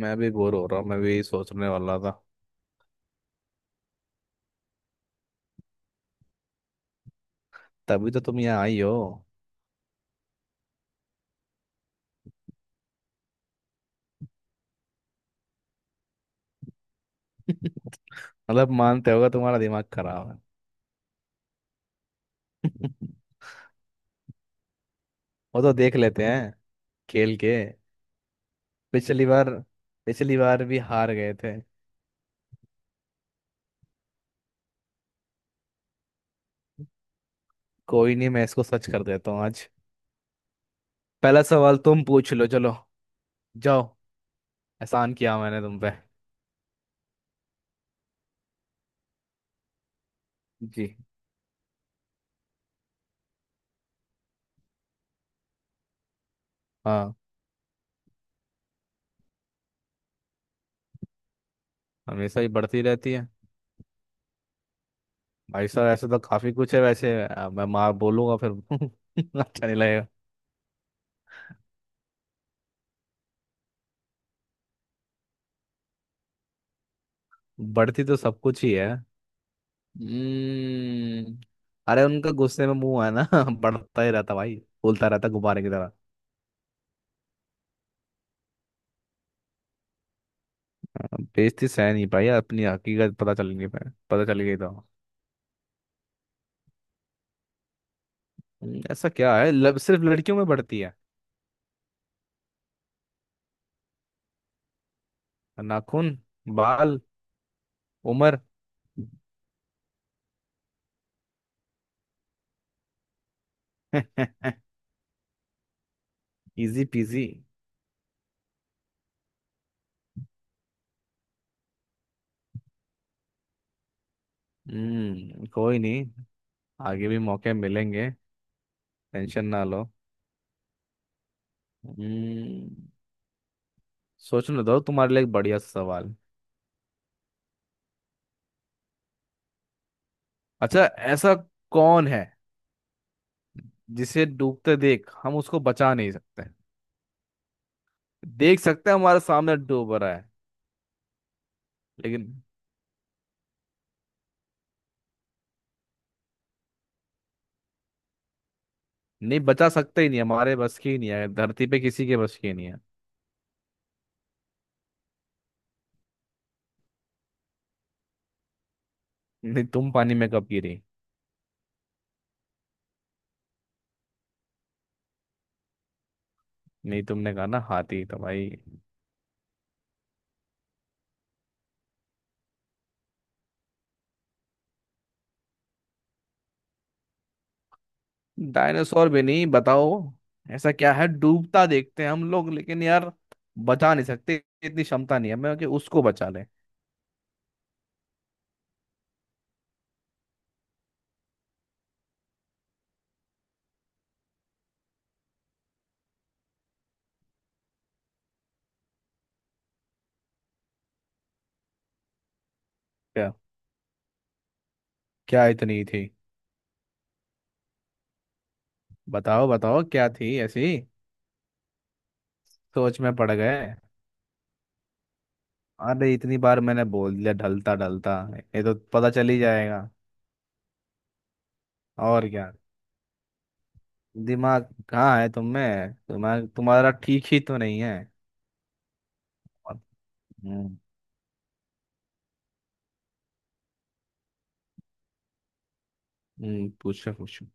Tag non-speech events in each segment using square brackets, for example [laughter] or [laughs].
मैं भी बोर हो रहा हूँ। मैं भी यही सोचने वाला था। तभी तो तुम यहाँ आई हो। मतलब मानते होगा तुम्हारा दिमाग खराब है। [laughs] वो तो देख लेते हैं खेल के। पिछली बार पिछली बार भी हार गए थे। कोई नहीं, मैं इसको सच कर देता हूँ आज। पहला सवाल तुम पूछ लो, चलो जाओ। एहसान किया मैंने तुम पे। जी। हाँ, हमेशा ही बढ़ती रहती है। भाई साहब ऐसे तो काफी कुछ है वैसे, मैं माँ बोलूंगा फिर [laughs] अच्छा नहीं लगेगा। बढ़ती तो सब कुछ ही है। हम्म अरे उनका गुस्से में मुंह है ना [laughs] बढ़ता ही रहता भाई। फूलता रहता गुब्बारे की तरह। बेइज्जती सह नहीं पाई, अपनी हकीकत पता चल नहीं पाया, पता चल गई तो। ऐसा क्या है लब सिर्फ लड़कियों में बढ़ती है। नाखून। बाल। उम्र। [laughs] Easy PG. कोई नहीं, आगे भी मौके मिलेंगे। टेंशन ना लो। हम्म। सोचने दो तुम्हारे लिए एक बढ़िया सा सवाल। अच्छा, ऐसा कौन है जिसे डूबते देख हम उसको बचा नहीं सकते। देख सकते हैं हमारे सामने डूब रहा है, लेकिन नहीं बचा सकते, ही नहीं हमारे बस की, ही नहीं है धरती पे किसी के बस की ही नहीं है। नहीं, तुम पानी में कब गिरी। नहीं, तुमने कहा ना हाथी तो भाई। डायनासोर भी नहीं, बताओ। ऐसा क्या है, डूबता देखते हैं हम लोग लेकिन यार बचा नहीं सकते। इतनी क्षमता नहीं है मैं कि उसको बचा ले। क्या? क्या इतनी थी? बताओ बताओ क्या थी ऐसी। सोच में पड़ गए। अरे इतनी बार मैंने बोल दिया, ढलता ढलता, ये तो पता चल ही जाएगा। और क्या, दिमाग कहाँ है तुम में, दिमाग तुम्हारा ठीक ही तो नहीं है। हम्म। पूछो पूछो,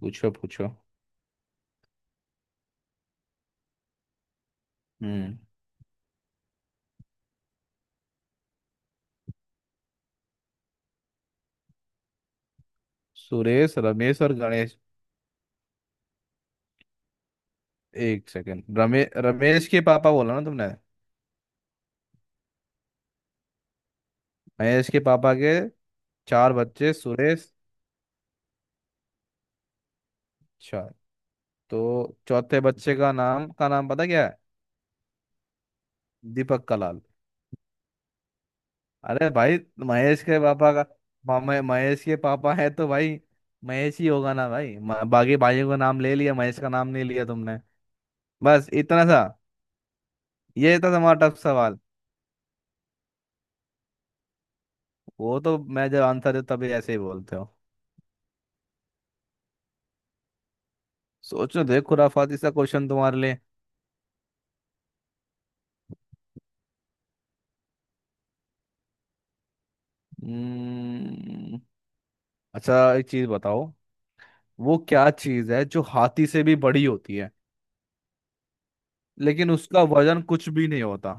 पूछो पूछो। हम्म। सुरेश, रमेश और गणेश। एक सेकंड, रमेश के पापा बोला ना तुमने? महेश के पापा के चार बच्चे, सुरेश। अच्छा, तो चौथे बच्चे का नाम पता क्या है? दीपक कलाल। अरे भाई, महेश के पापा का महेश के पापा है तो भाई महेश ही होगा ना भाई। बाकी भाइयों का नाम ले लिया, महेश का नाम नहीं लिया तुमने। बस इतना सा ये था तुम्हारा टफ सवाल। वो तो मैं जब आंसर दे तभी ऐसे ही बोलते हो। सोचो देखो, खुराफाती सा क्वेश्चन तुम्हारे लिए। हम्म, अच्छा, एक चीज बताओ। वो क्या चीज है जो हाथी से भी बड़ी होती है लेकिन उसका वजन कुछ भी नहीं होता।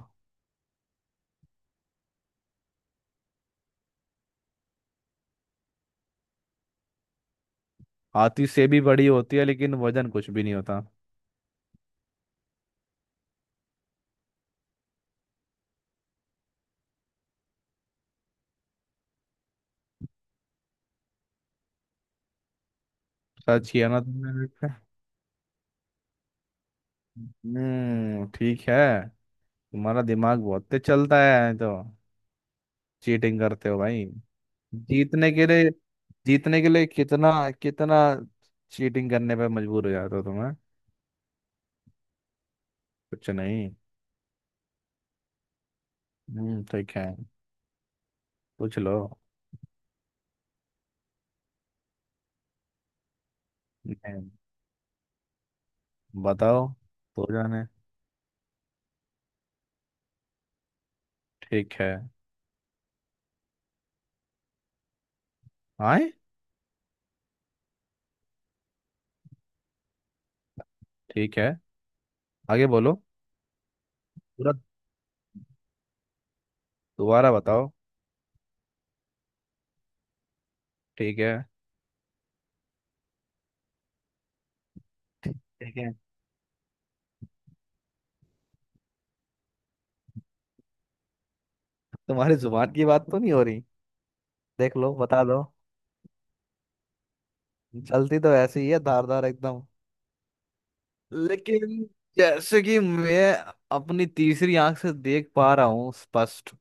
हाथी से भी बड़ी होती है लेकिन वजन कुछ भी नहीं होता। सच किया ना तुमने? हम्म, ठीक है। तुम्हारा दिमाग बहुत तेज चलता है तो चीटिंग करते हो भाई। जीतने के लिए, जीतने के लिए कितना कितना चीटिंग करने पे मजबूर हो जाते हो तुम्हें। कुछ नहीं। हम्म, ठीक है। पूछ लो। नहीं। बताओ तो जाने। ठीक है। आए। ठीक है, आगे बोलो। पूरा दोबारा बताओ। ठीक है। ठीक है। तुम्हारी जुबान की बात तो नहीं हो रही? देख लो, बता दो। चलती तो ऐसी ही है, धारदार एकदम। लेकिन जैसे कि मैं अपनी तीसरी आंख से देख पा रहा हूँ स्पष्ट,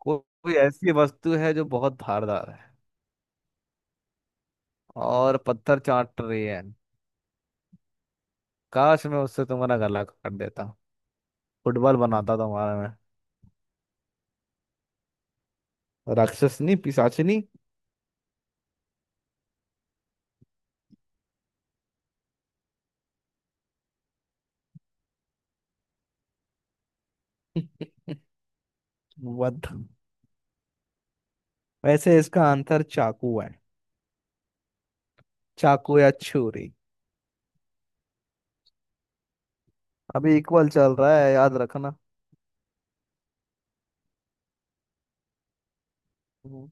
कोई ऐसी वस्तु है जो बहुत धारदार है और पत्थर चाट रही है। काश मैं उससे तुम्हारा गला काट देता। फुटबॉल बनाता तुम्हारा मैं। राक्षसनी पिशाचिनी। [laughs] वध। वैसे इसका आंसर चाकू है, चाकू या छुरी। अभी इक्वल चल रहा है, याद रखना। हम्म,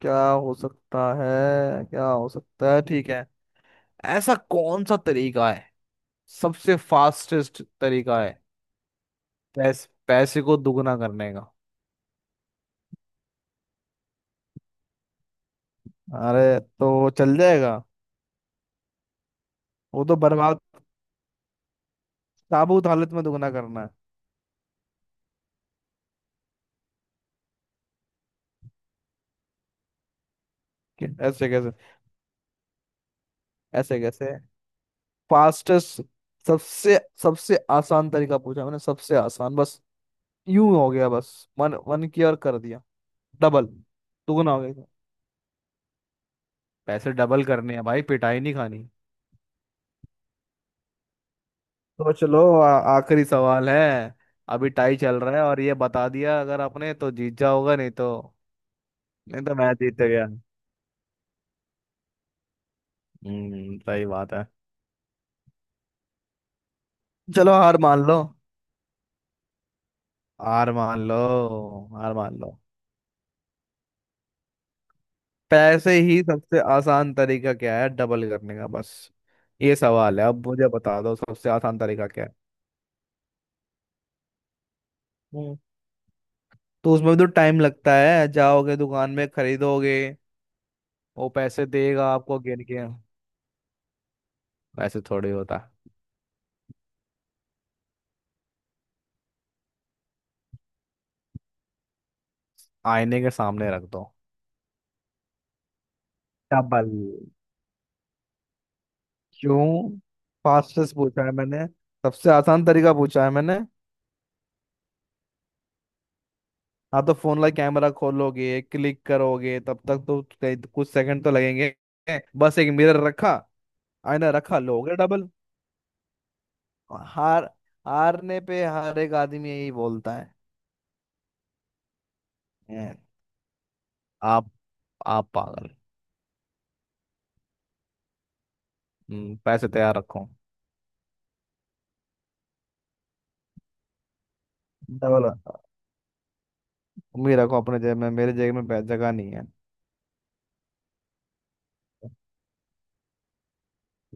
क्या हो सकता है, क्या हो सकता है, ठीक है। ऐसा कौन सा तरीका है, सबसे फास्टेस्ट तरीका है पैसे को दुगना करने का? अरे तो चल जाएगा। वो तो बर्बाद, ताबूत हालत में दुगना करना है। कि ऐसे कैसे, ऐसे कैसे। फास्टेस्ट, सबसे सबसे आसान तरीका पूछा मैंने, सबसे आसान, बस यूं हो गया, बस। मन मन की और कर दिया डबल, दुगना हो गया। पैसे डबल करने हैं भाई, पिटाई नहीं खानी। सोच लो, आखिरी सवाल है। अभी टाई चल रहा है, और ये बता दिया अगर आपने तो जीत जाओगा, नहीं तो नहीं, तो मैं जीत गया। हम्म, सही बात है। चलो हार मान लो। आर मान लो। आर मान लो। पैसे ही, सबसे आसान तरीका क्या है डबल करने का, बस ये सवाल है। अब मुझे बता दो सबसे आसान तरीका क्या है। हम्म। तो उसमें भी तो टाइम लगता है, जाओगे दुकान में, खरीदोगे, वो पैसे देगा आपको गिन के। वैसे थोड़ी होता है। आईने के सामने रख दो। डबल। क्यों? फास्टेस्ट पूछा है मैंने, सबसे आसान तरीका पूछा है मैंने। हाँ तो फोन का कैमरा खोलोगे, क्लिक करोगे, तब तक तो कुछ सेकंड तो लगेंगे। बस एक मिरर रखा, आईना रखा लो हो गया डबल। हार, हारने पे हर एक आदमी यही बोलता है "हैं, आप आप पागल"। पैसे तैयार रखो डबल। मेरे रखो अपने जेब में, मेरे जेब में जगह नहीं है।